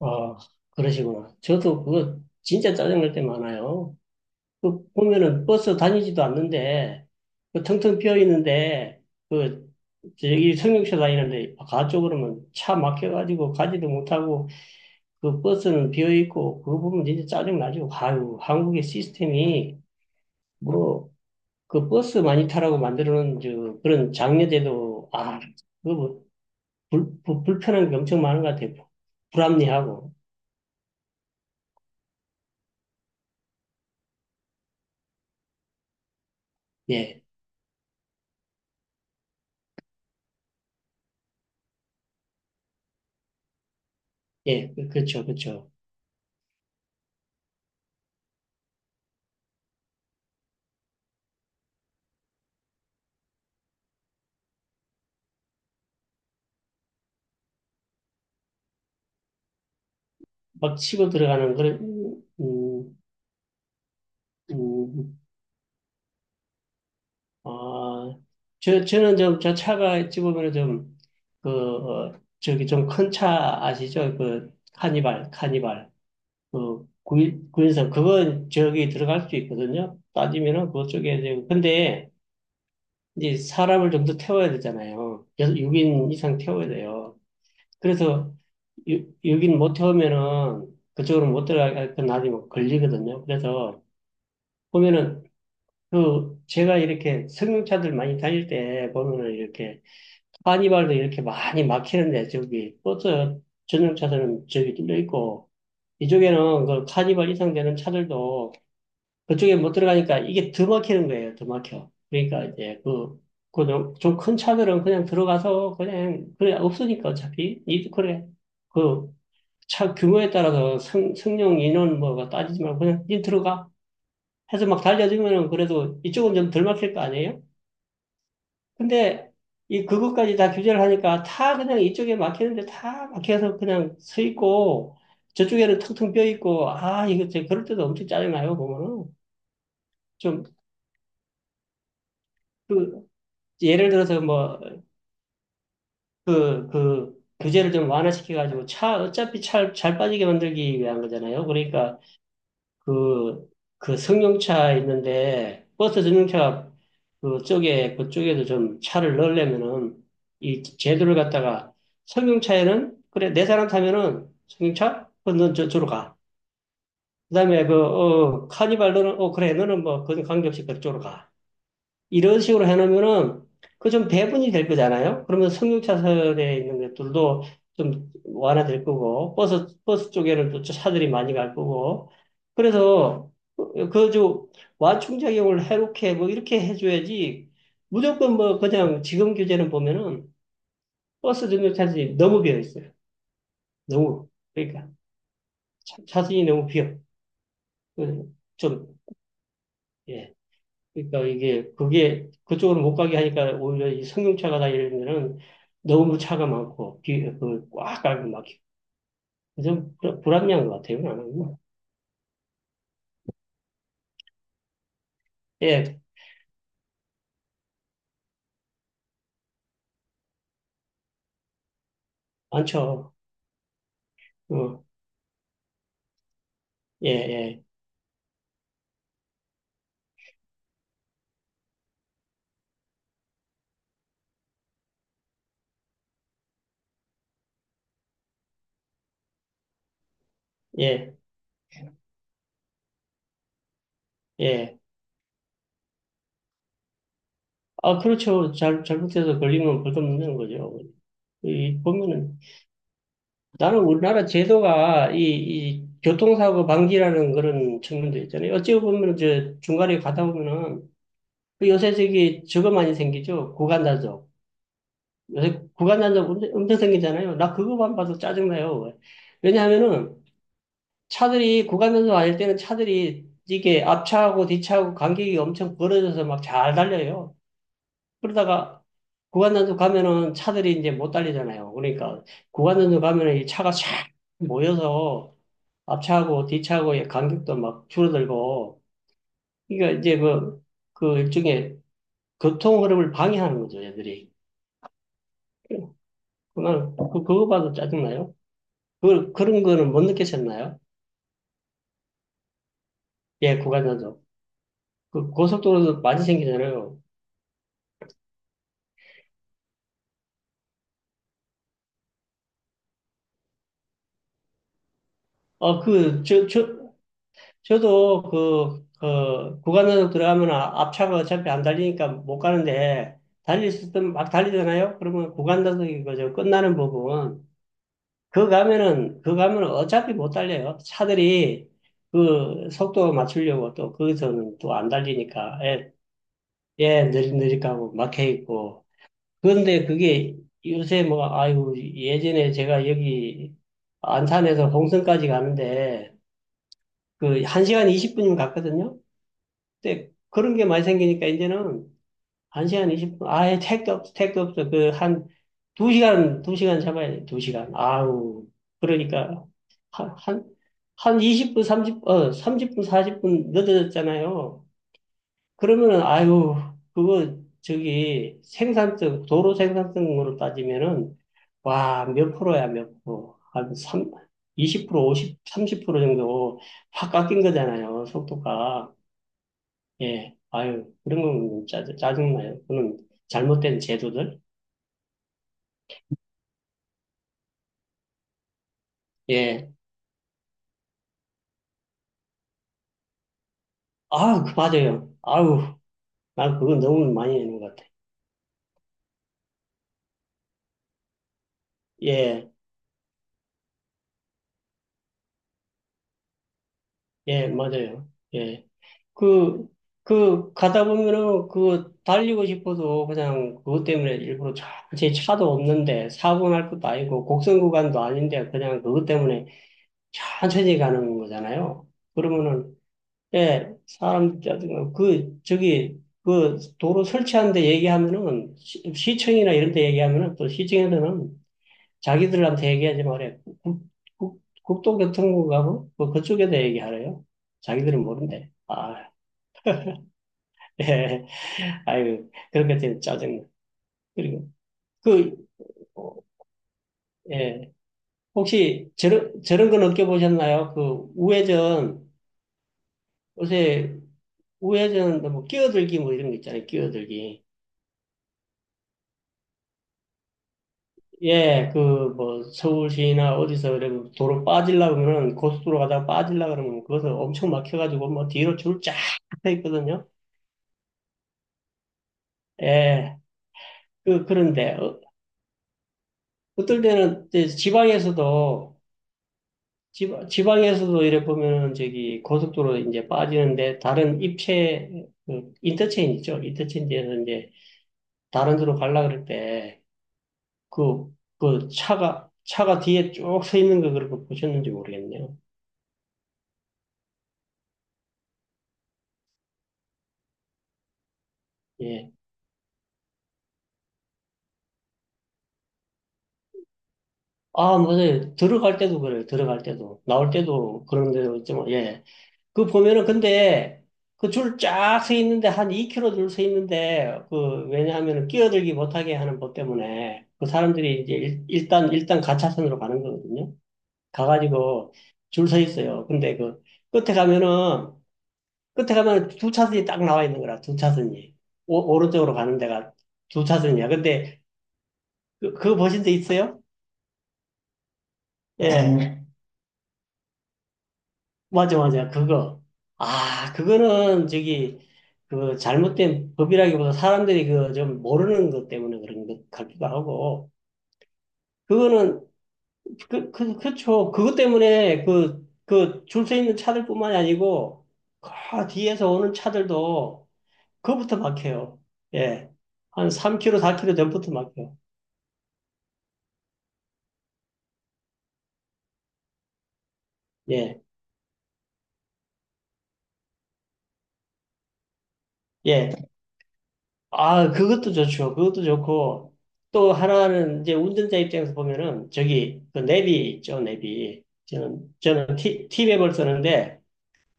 아, 그러시구나. 저도 그거 진짜 짜증날 때 많아요. 그 보면은 버스 다니지도 않는데, 그 텅텅 비어 있는데, 그, 저기 승용차 다니는데, 가쪽 그러면 차 막혀가지고 가지도 못하고, 그 버스는 비어 있고, 그거 보면 진짜 짜증나죠. 아유, 한국의 시스템이, 뭐, 그 버스 많이 타라고 만들어 놓은 저 그런 장려제도, 아, 그거 뭐, 불편한 게 엄청 많은 것 같아요. 불합리하고. 예, 예, 그- 그렇죠. 막 치고 들어가는 그런 음, 음. 아, 저는 좀, 저 차가 집으면 좀, 그, 어, 저기 좀 큰 차 아시죠? 그, 카니발. 그, 구인, 구인선. 그건 저기 들어갈 수 있거든요. 따지면은 그쪽에, 이제 근데 이제 사람을 좀 더 태워야 되잖아요. 6인 이상 태워야 돼요. 그래서 6, 인못 태우면은 그쪽으로 못 들어가니까 나중에 걸리거든요. 그래서 보면은 그 제가 이렇게 승용차들 많이 다닐 때 보면은 이렇게 카니발도 이렇게 많이 막히는데 저기 버스 전용차들은 저기 뚫려 있고 이쪽에는 그 카니발 이상 되는 차들도 그쪽에 못 들어가니까 이게 더 막히는 거예요. 더 막혀. 그러니까 이제 그 그좀큰 차들은 그냥 들어가서 그냥 그래 없으니까 어차피 이 그래 그 차 규모에 따라서 승, 승용 인원 뭐가 따지지 말고 그냥 니 들어가 해서 막 달려주면은 그래도 이쪽은 좀 덜 막힐 거 아니에요? 근데 이 그것까지 다 규제를 하니까 다 그냥 이쪽에 막히는데 다 막혀서 그냥 서 있고 저쪽에는 텅텅 비어 있고, 아 이거 제 그럴 때도 엄청 짜증나요 보면은. 좀그 예를 들어서 뭐 그 그 규제를 좀 완화시켜 가지고 차 어차피 차 잘 빠지게 만들기 위한 거잖아요. 그러니까 그, 그 승용차 있는데, 버스 승용차가 그쪽에, 그쪽에도 좀 차를 넣으려면은, 이 제도를 갖다가, 승용차에는, 그래, 네 사람 타면은, 승용차? 그, 넌 저, 저로 가. 그 다음에 그, 어, 카니발 너는, 어, 그래, 너는 뭐, 그건 관계없이 그쪽으로 가. 이런 식으로 해놓으면은 그 좀 배분이 될 거잖아요. 그러면 승용차선에 있는 것들도 좀 완화될 거고 버스 쪽에는 또 차들이 많이 갈 거고, 그래서 그저 완충작용을 해롭게 뭐 이렇게 해줘야지. 무조건 뭐 그냥 지금 교재는 보면은 버스 승용차선이 너무 비어 있어요. 너무. 그러니까 차, 차선이 너무 비어. 그좀 예. 그러니까 이게 그게 그쪽으로 못 가게 하니까 오히려 이 승용차가 다니면은 너무 차가 많고 그꽉 깔고 막히고, 좀 불- 불합리한 것 같아요 나는. 예. 많죠. 어예예예예 예, 예, 예. 예. 아 그렇죠. 잘 잘못해서 걸리면 벌금 먹는 거죠. 이 보면은 나는 우리나라 제도가 이, 이 교통사고 방지라는 그런 측면도 있잖아요. 어찌 보면 저 중간에 가다 보면은 그 요새 저기 저거 많이 생기죠. 구간 단속. 요새 구간 단속 엄청 생기잖아요. 나 그거만 봐도 짜증나요. 왜냐하면은 차들이 구간 단속 아닐 때는 차들이 이게 앞차하고 뒤차하고 간격이 엄청 벌어져서 막 잘 달려요. 그러다가 구간 단속 가면은 차들이 이제 못 달리잖아요. 그러니까 구간 단속 가면은 이 차가 샥 모여서 앞차하고 뒤차하고의 간격도 막 줄어들고 이게 이제 그, 그 일종의 교통 흐름을 방해하는 거죠, 얘들이. 그만, 그, 그거 봐도 짜증나요. 그, 그런 거는 못 느끼셨나요? 예, 구간 단속. 그 고속도로도 많이 생기잖아요. 어, 그, 저도 그, 그, 구간 단속 들어가면 아- 앞차가 어차피 안 달리니까 못 가는데, 달릴 수 있으면 막 달리잖아요? 그러면 구간 단속이 거죠. 끝나는 부분. 그 가면은 어차피 못 달려요. 차들이 그 속도 맞추려고 또 거기서는 또 안 달리니까, 예, 예, 느릿느릿하고 막혀 있고, 그런데 그게 요새 뭐, 아이고, 예전에 제가 여기 안산에서 홍성까지 가는데, 그, 1시간 20분이면 갔거든요? 근데 그런 게 많이 생기니까 이제는 1시간 20분, 아예 택도 없어. 그, 한, 2시간 잡아야 돼, 2시간. 아우, 그러니까, 한, 한, 한 20분, 삼십 어, 30분, 40분 늦어졌잖아요. 그러면은, 아유, 그거, 저기, 생산성, 도로 생산성으로 따지면은, 와, 몇 프로. 한 3, 20%, 50, 30% 정도 확 깎인 거잖아요, 속도가. 예, 아유, 그런 건 짜, 짜증나요. 그는 잘못된 제도들. 예, 아, 그 맞아요. 아우, 난 그거 너무 많이 내는 것 같아. 예, 예, 맞아요. 예. 그, 가다 보면은 그 달리고 싶어도 그냥 그것 때문에 일부러 차, 제 차도 없는데 사고 날 것도 아니고 곡선 구간도 아닌데 그냥 그것 때문에 천천히 가는 거잖아요. 그러면은, 예, 사람, 짜증- 그, 저기, 그 도로 설치하는데 얘기하면은 시, 청이나 이런 데 얘기하면은 또 시청에서는 자기들한테 얘기하지 말아요. 국, 국도교통국하고 뭐 그쪽에다 얘기하래요. 자기들은 모른대. 아, 예. 아유, 그런 것 때문에 짜증나. 그리고, 그, 어, 예. 혹시 저런 건 느껴보셨나요? 그, 우회전, 요새 우회전, 뭐, 끼어들기 뭐 이런 거 있잖아요. 끼어들기. 예, 그, 뭐, 서울시나 어디서 그래, 도로 빠지려고 그러면, 고속도로 가다가 빠지려고 그러면, 그것을 엄청 막혀가지고, 뭐, 뒤로 줄 쫙 서 있거든요. 예, 그, 그런데, 어, 어떨 때는 이제 지방에서도, 지방에서도 이래 보면은 저기 고속도로 이제 빠지는데 다른 입체 그 인터체인지 죠 인터체인지에서 이제 다른 데로 갈라 그럴 때 그 그 차가 뒤에 쭉 서 있는 거 그렇게 보셨는지 모르겠네요. 예. 아, 맞아요. 들어갈 때도 그래요. 들어갈 때도 나올 때도 그런 데도 있지만 예. 그 보면은 근데 그 줄 쫙 서 있는데 한 2km 줄 서 있는데 그 왜냐하면은 끼어들기 못하게 하는 법 때문에 그 사람들이 이제 일, 일단 가차선으로 가는 거거든요. 가가지고 줄 서 있어요. 근데 그 끝에 가면은 끝에 가면은 두 차선이 딱 나와 있는 거라 두 차선이 오, 오른쪽으로 가는 데가 두 차선이야. 근데 그, 그거 보신 적 있어요? 예. 맞아, 맞아. 그거. 아, 그거는 저기, 그 잘못된 법이라기보다 사람들이 그 좀 모르는 것 때문에 그런 것 같기도 하고. 그거는, 그쵸. 그것 때문에 그, 그 줄서 있는 차들뿐만이 아니고, 그 뒤에서 오는 차들도 그거부터 막혀요. 예. 한 3km, 4km 전부터 막혀요. 예. 예. 아, 그것도 좋죠. 그것도 좋고, 또 하나는 이제 운전자 입장에서 보면은, 저기, 그 내비 있죠, 내비. 저는 티, 티맵을 쓰는데,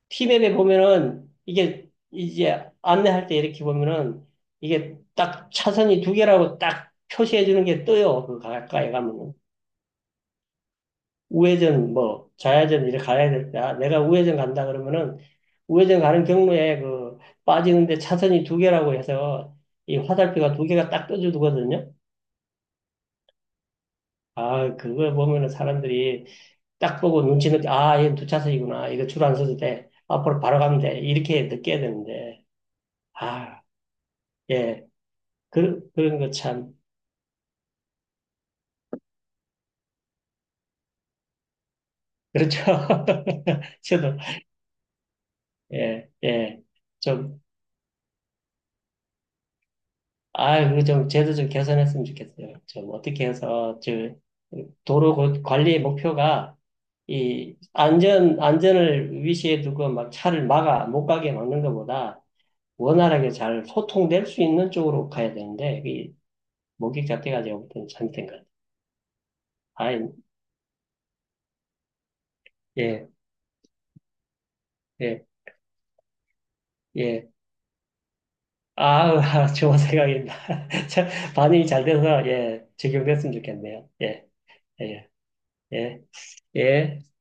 티맵에 보면은, 이게, 이제 안내할 때 이렇게 보면은, 이게 딱 차선이 두 개라고 딱 표시해 주는 게 떠요. 그 가까이 가면은. 우회전 뭐 좌회전 이렇게 가야 될 때, 아, 내가 우회전 간다 그러면은 우회전 가는 경로에 그 빠지는데 차선이 두 개라고 해서 이 화살표가 두 개가 딱 떠주거든요. 아, 그걸 보면은 사람들이 딱 보고 눈치 늦게, 아, 얘는 두 차선이구나. 이거 줄 안 서도 돼. 앞으로 바로 가면 돼. 이렇게 느껴야 되는데. 아, 예. 그, 그런 거 참. 그렇죠. 저도, 예, 예. 좀 아, 그 좀, 제도 좀 개선했으면 좋겠어요. 좀 어떻게 해서, 저, 도로 고- 관리의 목표가, 이, 안전을 위시해 두고 막 차를 막아, 못 가게 막는 것보다 원활하게 잘 소통될 수 있는 쪽으로 가야 되는데, 이, 목격 자체가 제가 볼참 잘못된 것 같아요. 아이, 예, 예, 예. 아우, 아, 좋은 생각입니다. 참, 반응이 잘 돼서, 예, 적용됐으면 좋겠네요. 예, 예, 예, 예.